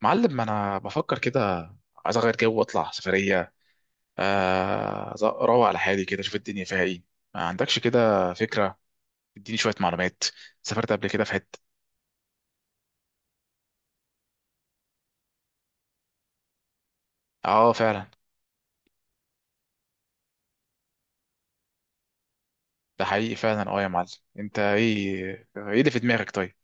معلم، ما انا بفكر كده. عايز اغير جو واطلع سفريه. اروق على حالي كده، اشوف الدنيا فيها ايه. ما عندكش كده؟ فكره؟ اديني شويه معلومات. سافرت قبل كده في حته؟ اه، فعلا. ده حقيقي فعلا، اه يا معلم. انت ايه اللي في دماغك، طيب؟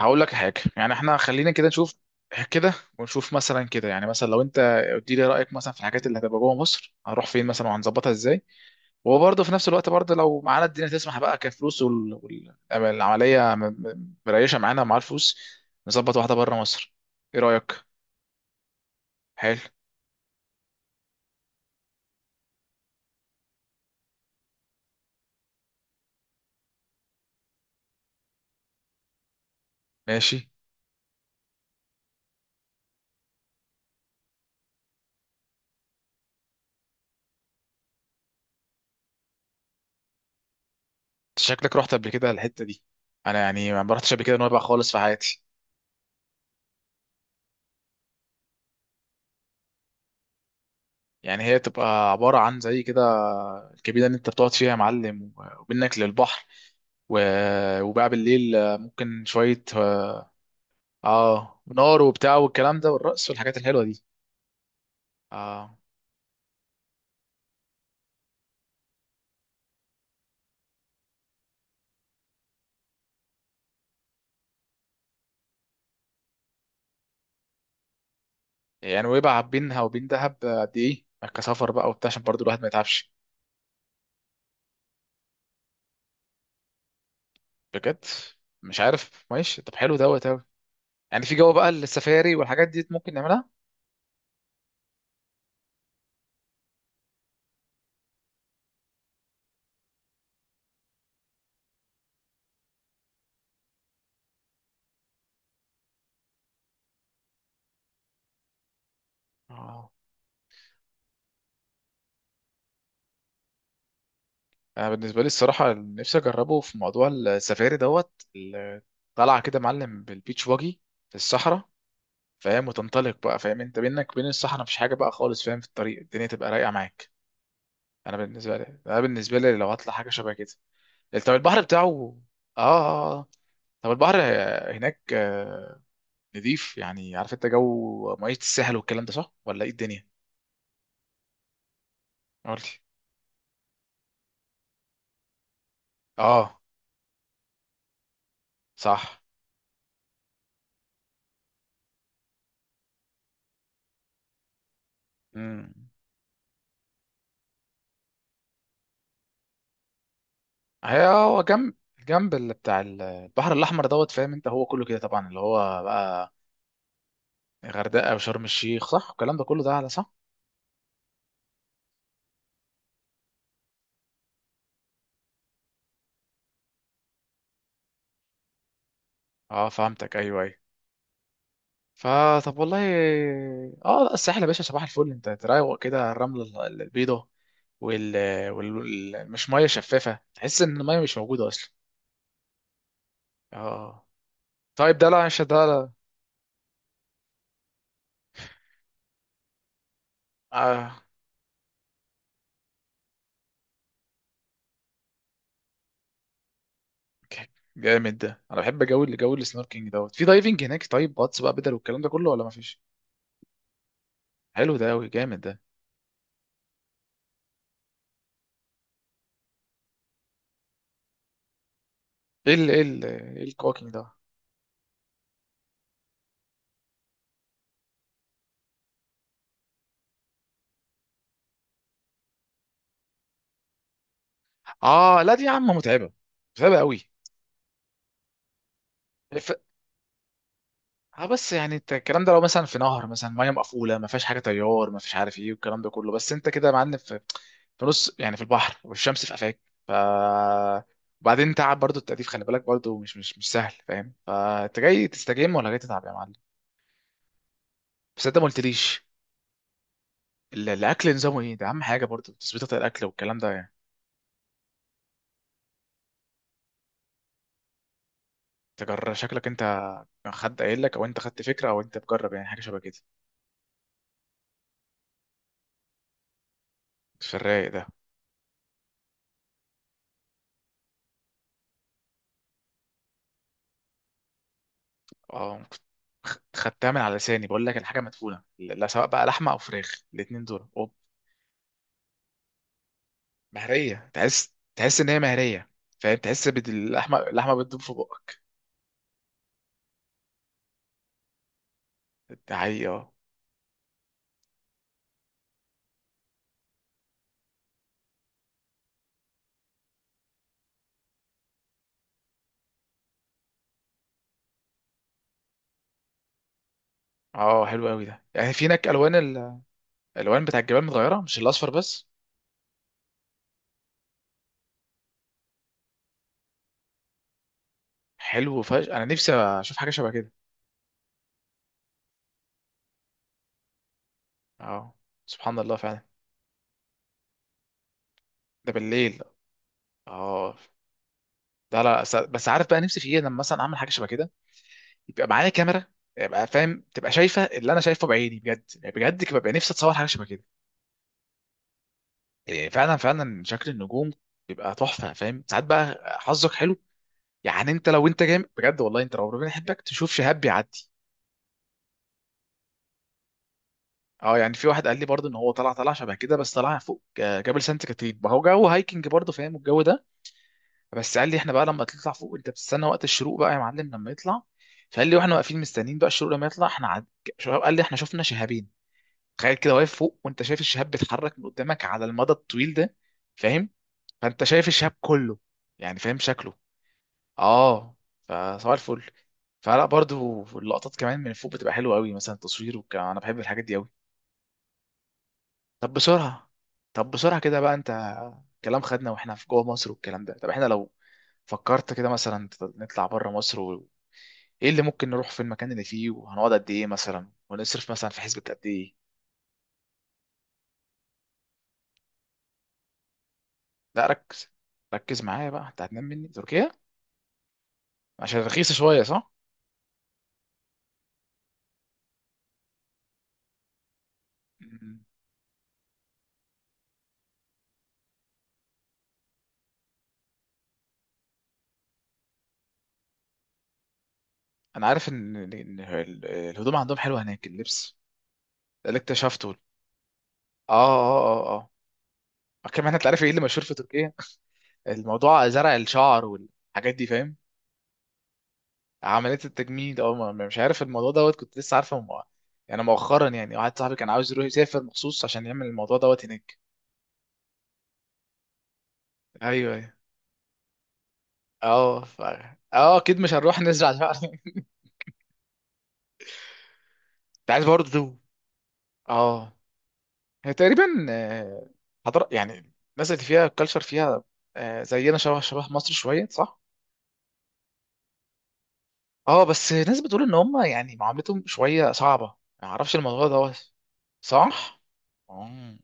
هقول لك حاجه، يعني احنا خلينا كده نشوف كده، ونشوف مثلا كده، يعني مثلا لو انت قلت لي رايك مثلا في الحاجات اللي هتبقى جوه مصر، هنروح فين مثلا وهنظبطها ازاي؟ وبرضه في نفس الوقت، برضه لو معانا الدنيا تسمح بقى كفلوس والعملية مريشة معانا مع الفلوس، نظبط واحدة بره مصر. ايه رأيك؟ حلو. ماشي. انت شكلك رحت قبل كده الحتة دي. انا يعني ما رحتش قبل كده نويبع خالص في حياتي. يعني هي تبقى عبارة عن زي كده، الكبيرة اللي انت بتقعد فيها يا معلم، وبينك للبحر و... وبقى بالليل ممكن شوية. اه، نار وبتاع والكلام ده والرقص والحاجات الحلوة دي. اه، يعني ويبقى بينها وبين دهب قد ايه يعني كسفر بقى وبتاع، عشان برضو الواحد ما يتعبش. بجد. مش عارف. ماشي، طب حلو دوت اوي. يعني في جو بقى السفاري والحاجات دي ممكن نعملها. اه، انا بالنسبه لي الصراحه نفسي اجربه في موضوع السفاري دوت طالعه كده معلم بالبيتش واجي في الصحراء، فاهم، وتنطلق بقى. فاهم انت بينك وبين الصحراء مفيش حاجه بقى خالص، فاهم، في الطريق الدنيا تبقى رايقه معاك. انا بالنسبه لي لو هطلع حاجه شبه كده، طب البحر بتاعه. اه، اه، آه. طب البحر هناك نضيف، يعني عارف انت جو ميه الساحل والكلام ده، صح ولا ايه الدنيا؟ قول لي. اه، صح. امم. هي هو جنب، جنب اللي بتاع البحر الاحمر دوت، فاهم انت، هو كله كده طبعا اللي هو بقى غردقه وشرم الشيخ، صح الكلام ده كله ده على صح. اه، فهمتك، ايوه، ايوه. فطب والله. اه، لا الساحل يا باشا، صباح الفل. انت تروق كده الرمله البيضاء وال... مش ميه شفافه، تحس ان الميه مش موجوده اصلا. اه. طيب ده لا، مش ده لا. آه. جامد ده، انا بحب جو اللي جو السنوركينج دوت في دايفنج هناك، طيب غطس بقى بدل، والكلام ده كله ولا ما فيش؟ حلو ده قوي، جامد ده. ايه الكواكينج ده؟ اه لا، دي يا عم متعبه، متعبه قوي. ف... اه بس يعني انت الكلام ده لو مثلا في نهر، مثلا ميه مقفوله ما فيهاش حاجه، تيار ما فيش، عارف ايه والكلام ده كله، بس انت كده يا معلم في نص يعني في البحر والشمس في قفاك، ف وبعدين تعب برضو التأديف، خلي بالك برضو مش سهل. فاهم؟ فانت جاي تستجم ولا جاي تتعب يا معلم؟ بس انت ما قلتليش، الاكل نظامه ايه؟ ده اهم حاجه برضه، تظبيطه الاكل والكلام ده يعني. تجرب شكلك انت؟ حد قايل لك، او انت خدت فكره، او انت بجرب يعني حاجه شبه كده في الرايق ده؟ اه، كنت خدتها من على لساني بقول لك الحاجه مدفونه، لا سواء بقى لحمه او فراخ الاتنين دول اوب. مهريه، تحس تحس ان هي مهريه، فاهم؟ تحس باللحمه اللحمه اللحمه بتدوب في بقك. ده حقيقي، اه. اه، حلو قوي ده. يعني في هناك الوان الالوان بتاع الجبال متغيره، مش الاصفر بس. حلو، فش انا نفسي اشوف حاجه شبه كده. اه، سبحان الله فعلا. ده بالليل؟ اه. لا، لا، بس عارف بقى نفسي في ايه لما مثلا اعمل حاجه شبه كده؟ يبقى معايا كاميرا، يبقى فاهم تبقى شايفه اللي انا شايفه بعيني بجد، يعني بجد كده ببقى نفسي اتصور حاجه شبه كده. يعني فعلا فعلا شكل النجوم بيبقى تحفه، فاهم؟ ساعات بقى حظك حلو، يعني انت لو انت جامد بجد والله، انت لو ربنا يحبك تشوف شهاب بيعدي. اه، يعني في واحد قال لي برضه ان هو طلع طلع شبه كده، بس طلع فوق جبل سانت كاترين، ما هو جو هايكنج برضه، فاهم الجو ده، بس قال لي احنا بقى لما تطلع فوق انت بتستنى وقت الشروق بقى يا معلم لما يطلع. فقال لي واحنا واقفين مستنيين بقى الشروق لما يطلع، شباب، قال لي احنا شفنا شهابين. تخيل كده واقف فوق وانت شايف الشهاب بيتحرك من قدامك على المدى الطويل ده، فاهم؟ فانت شايف الشهاب كله، يعني فاهم شكله. اه، فصباح الفل. فلا، برضو اللقطات كمان من فوق بتبقى حلوه قوي، مثلا تصوير وكلام. انا بحب الحاجات دي قوي. طب بسرعة، كده بقى انت، كلام خدنا واحنا في جوه مصر والكلام ده، طب احنا لو فكرت كده مثلا نطلع بره مصر ايه اللي ممكن نروح في المكان اللي فيه، وهنقعد قد ايه مثلا، ونصرف مثلا في حسبة قد ايه؟ لا، ركز، ركز معايا بقى. انت هتنام مني تركيا عشان رخيصة شوية، صح؟ مم. انا عارف ان الهدوم عندهم حلوة هناك، اللبس ده اللي اكتشفته. اه، اه، اه، اه، كمان انت عارف ايه اللي مشهور في تركيا؟ الموضوع زرع الشعر والحاجات دي، فاهم. عمليه التجميل ده، اه مش عارف الموضوع دوت، كنت لسه عارفه يعني مؤخرا، يعني واحد صاحبي كان عاوز يروح يسافر مخصوص عشان يعمل الموضوع دوت هناك. ايوه، ايوه. اه، اه اكيد مش هنروح نزرع شعر. انت عايز برضه تدوب. اه، هي تقريبا حضر يعني، الناس اللي فيها الكالتشر فيها زينا، شبه شبه مصر شويه، صح. اه، بس ناس بتقول ان هم، يعني معاملتهم شويه صعبه، ما اعرفش الموضوع ده. صح. اه.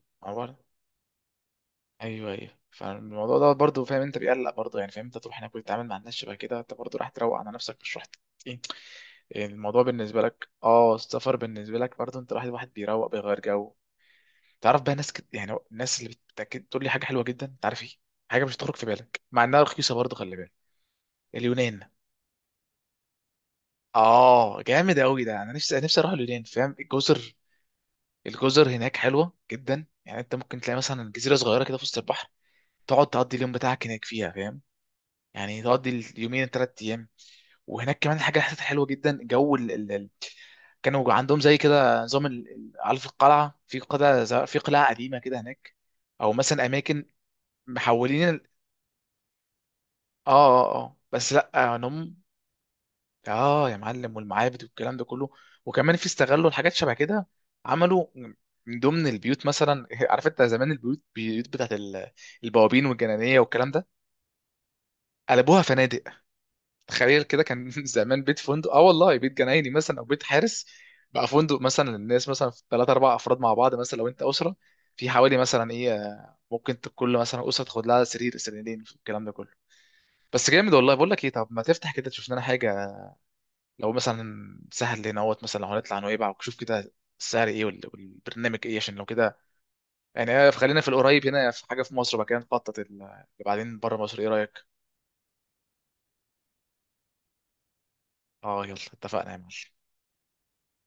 ايوه، ايوه، فالموضوع ده برضه، فاهم انت بيقلق برضه، يعني فاهم انت تروح هناك وتتعامل مع الناس شبه كده، انت برضه راح تروق على نفسك، مش رحت. ايه، يعني الموضوع بالنسبه لك، اه السفر بالنسبه لك برضه، انت راح، الواحد واحد بيروق بيغير جو. تعرف بقى ناس يعني الناس اللي بتتاكد تقول لي حاجه حلوه جدا، انت عارف ايه؟ حاجه مش هتخرج في بالك مع انها رخيصه، برضه خلي بالك. اليونان. اه، جامد قوي ده، انا نفسي نفسي اروح اليونان، فاهم الجزر. الجزر هناك حلوه جدا، يعني انت ممكن تلاقي مثلا جزيره صغيره كده في وسط البحر، تقعد تقضي اليوم بتاعك هناك فيها، فاهم؟ يعني تقضي اليومين الثلاث ايام. وهناك كمان حاجه حسيتها حلوه جدا، جو كانوا عندهم زي كده نظام عارف القلعه، في قلعه قديمه كده هناك، او مثلا اماكن محولين اه، اه، اه، بس لا ان هم. اه يا معلم، والمعابد والكلام ده كله، وكمان في استغلوا الحاجات شبه كده، عملوا من ضمن البيوت مثلا. عارف انت زمان، البيوت البيوت بتاعت البوابين والجنانيه والكلام ده، قلبوها فنادق. تخيل كده، كان زمان بيت فندق، اه والله، بيت جنايني مثلا او بيت حارس بقى فندق، مثلا الناس مثلا في ثلاثة أربع أفراد مع بعض، مثلا لو أنت أسرة في حوالي مثلا إيه، ممكن كل مثلا أسرة تاخد لها سرير سريرين، الكلام ده كله. بس جامد والله. بقول لك إيه، طب ما تفتح كده تشوف لنا حاجة، لو مثلا سهل لنا اهوت مثلا، لو هنطلع نويبع وشوف كده السعر إيه، والبرنامج إيه، عشان لو كده يعني خلينا في القريب هنا في حاجة في مصر بقى كده، نخطط اللي بعدين بره مصر. إيه رأيك؟ أه، يلا اتفقنا يا معلم.